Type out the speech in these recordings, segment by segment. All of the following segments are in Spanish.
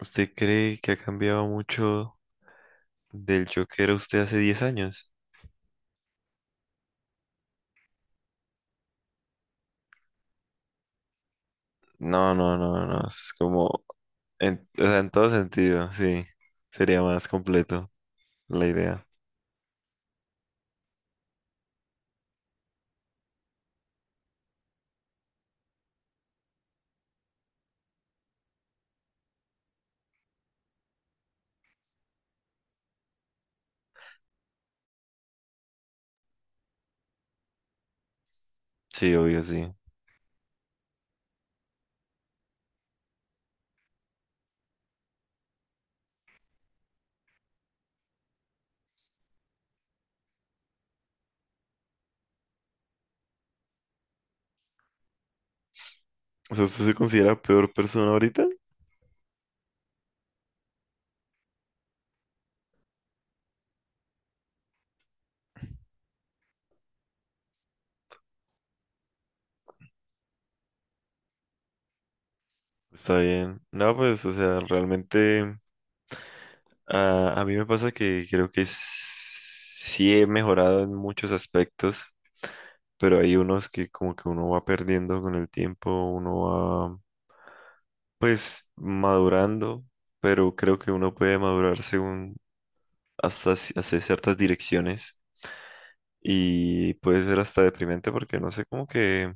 ¿Usted cree que ha cambiado mucho del yo que era usted hace 10 años? No, no, no, no. Es como, o sea, en todo sentido, sí. Sería más completo la idea. Sí, obvio, sí. O sea, ¿usted se considera peor persona ahorita? Está bien. No, pues, o sea, realmente a mí me pasa que creo que sí he mejorado en muchos aspectos, pero hay unos que como que uno va perdiendo con el tiempo, uno va pues madurando, pero creo que uno puede madurar según hasta hacia ciertas direcciones y puede ser hasta deprimente porque no sé, como que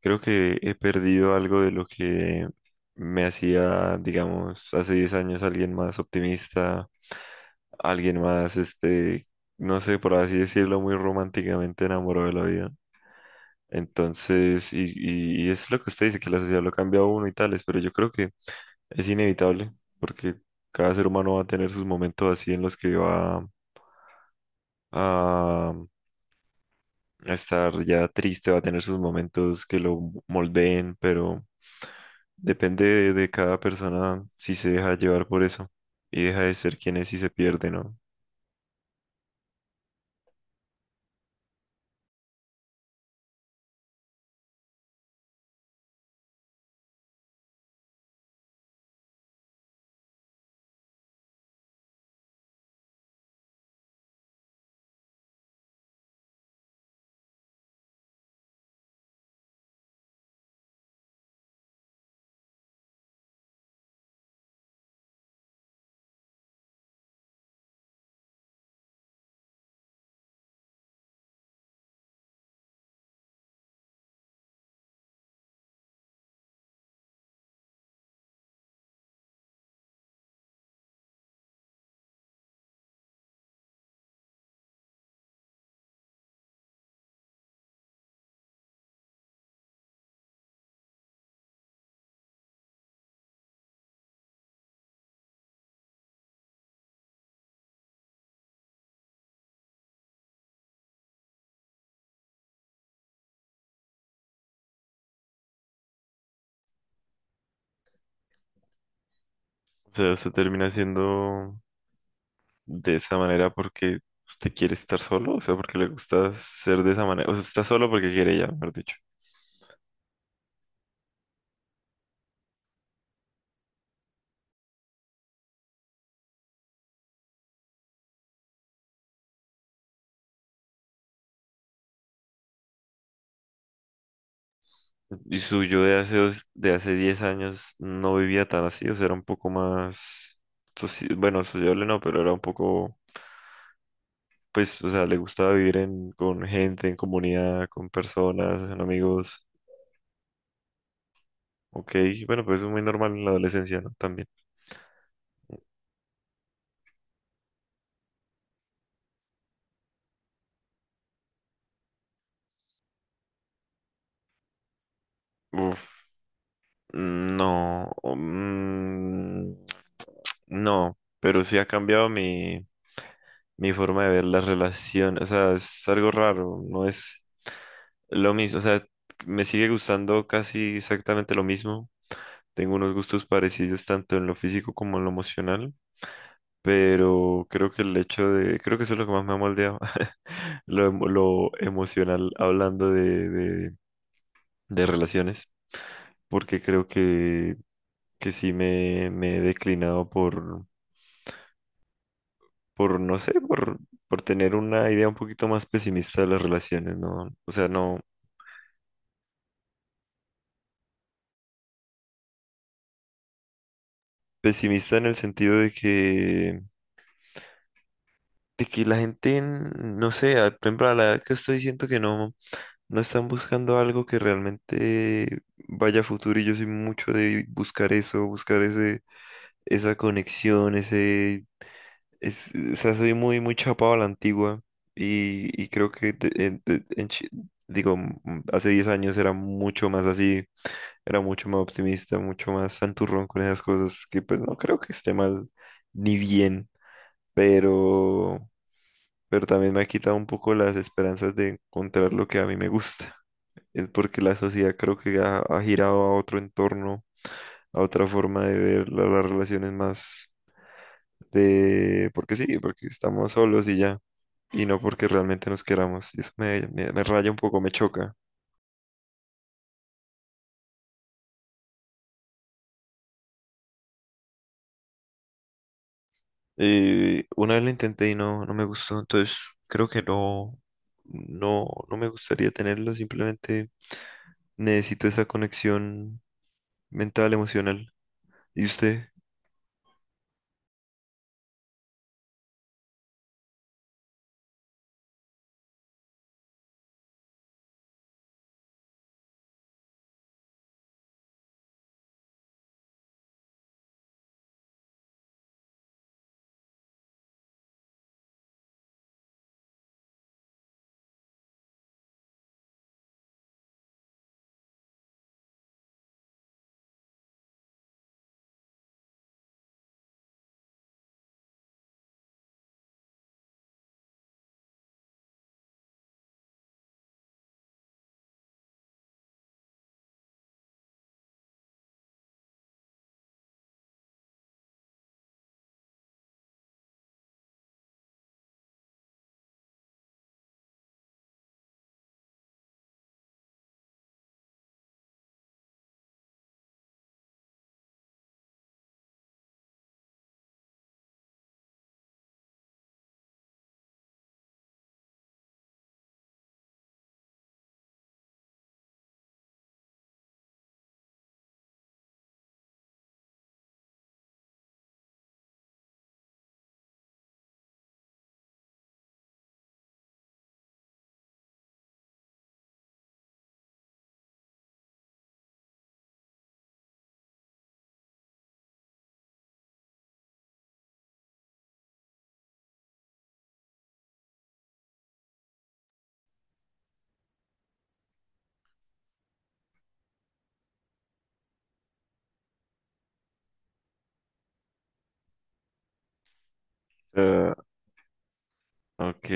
creo que he perdido algo de lo que me hacía, digamos, hace 10 años alguien más optimista, alguien más, este, no sé, por así decirlo, muy románticamente enamorado de la vida. Entonces, y es lo que usted dice, que la sociedad lo cambia a uno y tales, pero yo creo que es inevitable, porque cada ser humano va a tener sus momentos así en los que va a, a estar ya triste, va a tener sus momentos que lo moldeen, pero depende de cada persona si se deja llevar por eso y deja de ser quien es y se pierde, ¿no? O sea, usted termina siendo de esa manera porque usted quiere estar solo, o sea, porque le gusta ser de esa manera, o sea, está solo porque quiere ya, mejor dicho. Y su yo de hace 10 años no vivía tan así, o sea, era un poco más, bueno, sociable no, pero era un poco, pues, o sea, le gustaba vivir en, con gente, en comunidad, con personas, en amigos. Ok, bueno, pues es muy normal en la adolescencia, ¿no? También. Uf. No, no, pero sí ha cambiado mi forma de ver las relaciones. O sea, es algo raro, no es lo mismo. O sea, me sigue gustando casi exactamente lo mismo. Tengo unos gustos parecidos tanto en lo físico como en lo emocional, pero creo que creo que eso es lo que más me ha moldeado, lo emocional hablando de relaciones, porque creo que sí me he declinado por, no sé, por tener una idea un poquito más pesimista de las relaciones, ¿no? O sea, no, pesimista en el sentido de que la gente, no sé, por ejemplo, a la edad que estoy, siento que no están buscando algo que realmente vaya a futuro y yo soy mucho de buscar eso, buscar ese, esa conexión, o sea, soy muy, muy chapado a la antigua y creo que de- en chi- digo, m- hace 10 años era mucho más así, era mucho más optimista, mucho más santurrón con esas cosas, que pues no creo que esté mal ni bien, pero, pero también me ha quitado un poco las esperanzas de encontrar lo que a mí me gusta. Es porque la sociedad creo que ha girado a otro entorno, a otra forma de ver las relaciones más de, porque sí, porque estamos solos y ya, y no porque realmente nos queramos. Y eso me raya un poco, me choca. Una vez lo intenté y no, no me gustó, entonces creo que no, no, no me gustaría tenerlo, simplemente necesito esa conexión mental, emocional. ¿Y usted? Ah, ok.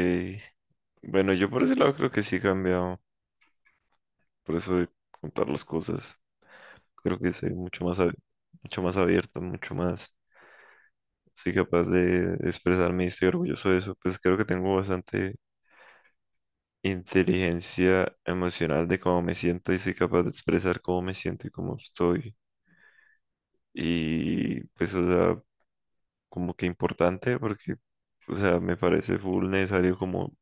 Bueno, yo por ese lado creo que sí he cambiado. Por eso de contar las cosas. Creo que soy mucho más abierto, mucho más. Soy capaz de expresarme y estoy orgulloso de eso. Pues creo que tengo bastante inteligencia emocional de cómo me siento y soy capaz de expresar cómo me siento y cómo estoy. Y pues, o sea, como que importante porque, o sea, me parece full necesario como,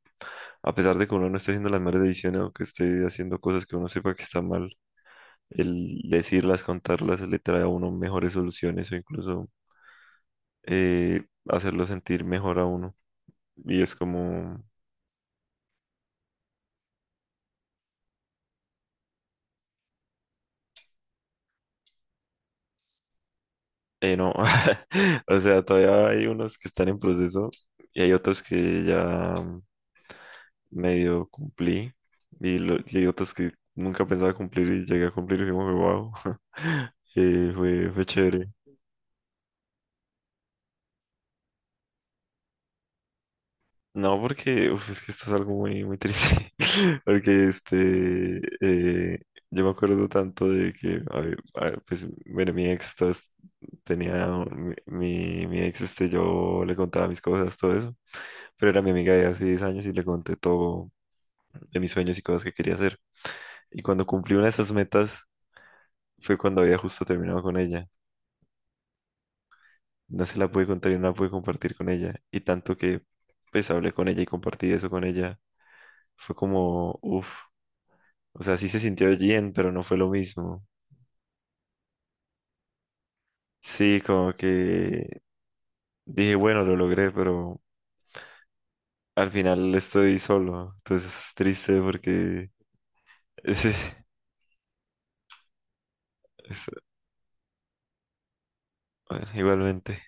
a pesar de que uno no esté haciendo las mejores decisiones o que esté haciendo cosas que uno sepa que está mal, el decirlas, contarlas, le trae a uno mejores soluciones o incluso hacerlo sentir mejor a uno. Y es como. No, o sea, todavía hay unos que están en proceso y hay otros que ya medio cumplí y hay otros que nunca pensaba cumplir y llegué a cumplir y fue como, wow. Fue chévere. No, porque uf, es que esto es algo muy, muy triste. Porque este, yo me acuerdo tanto de que, a ver, pues, bueno, mi ex Tenía un- mi ex, este, yo le contaba mis cosas, todo eso, pero era mi amiga de hace 10 años y le conté todo de mis sueños y cosas que quería hacer. Y cuando cumplí una de esas metas fue cuando había justo terminado con ella. No se la pude contar y no la pude compartir con ella. Y tanto que pues hablé con ella y compartí eso con ella, fue como, uff, o sea, sí se sintió bien, pero no fue lo mismo. Sí, como que dije, bueno, lo logré, pero al final estoy solo. Entonces es triste porque... Sí, es- bueno, igualmente.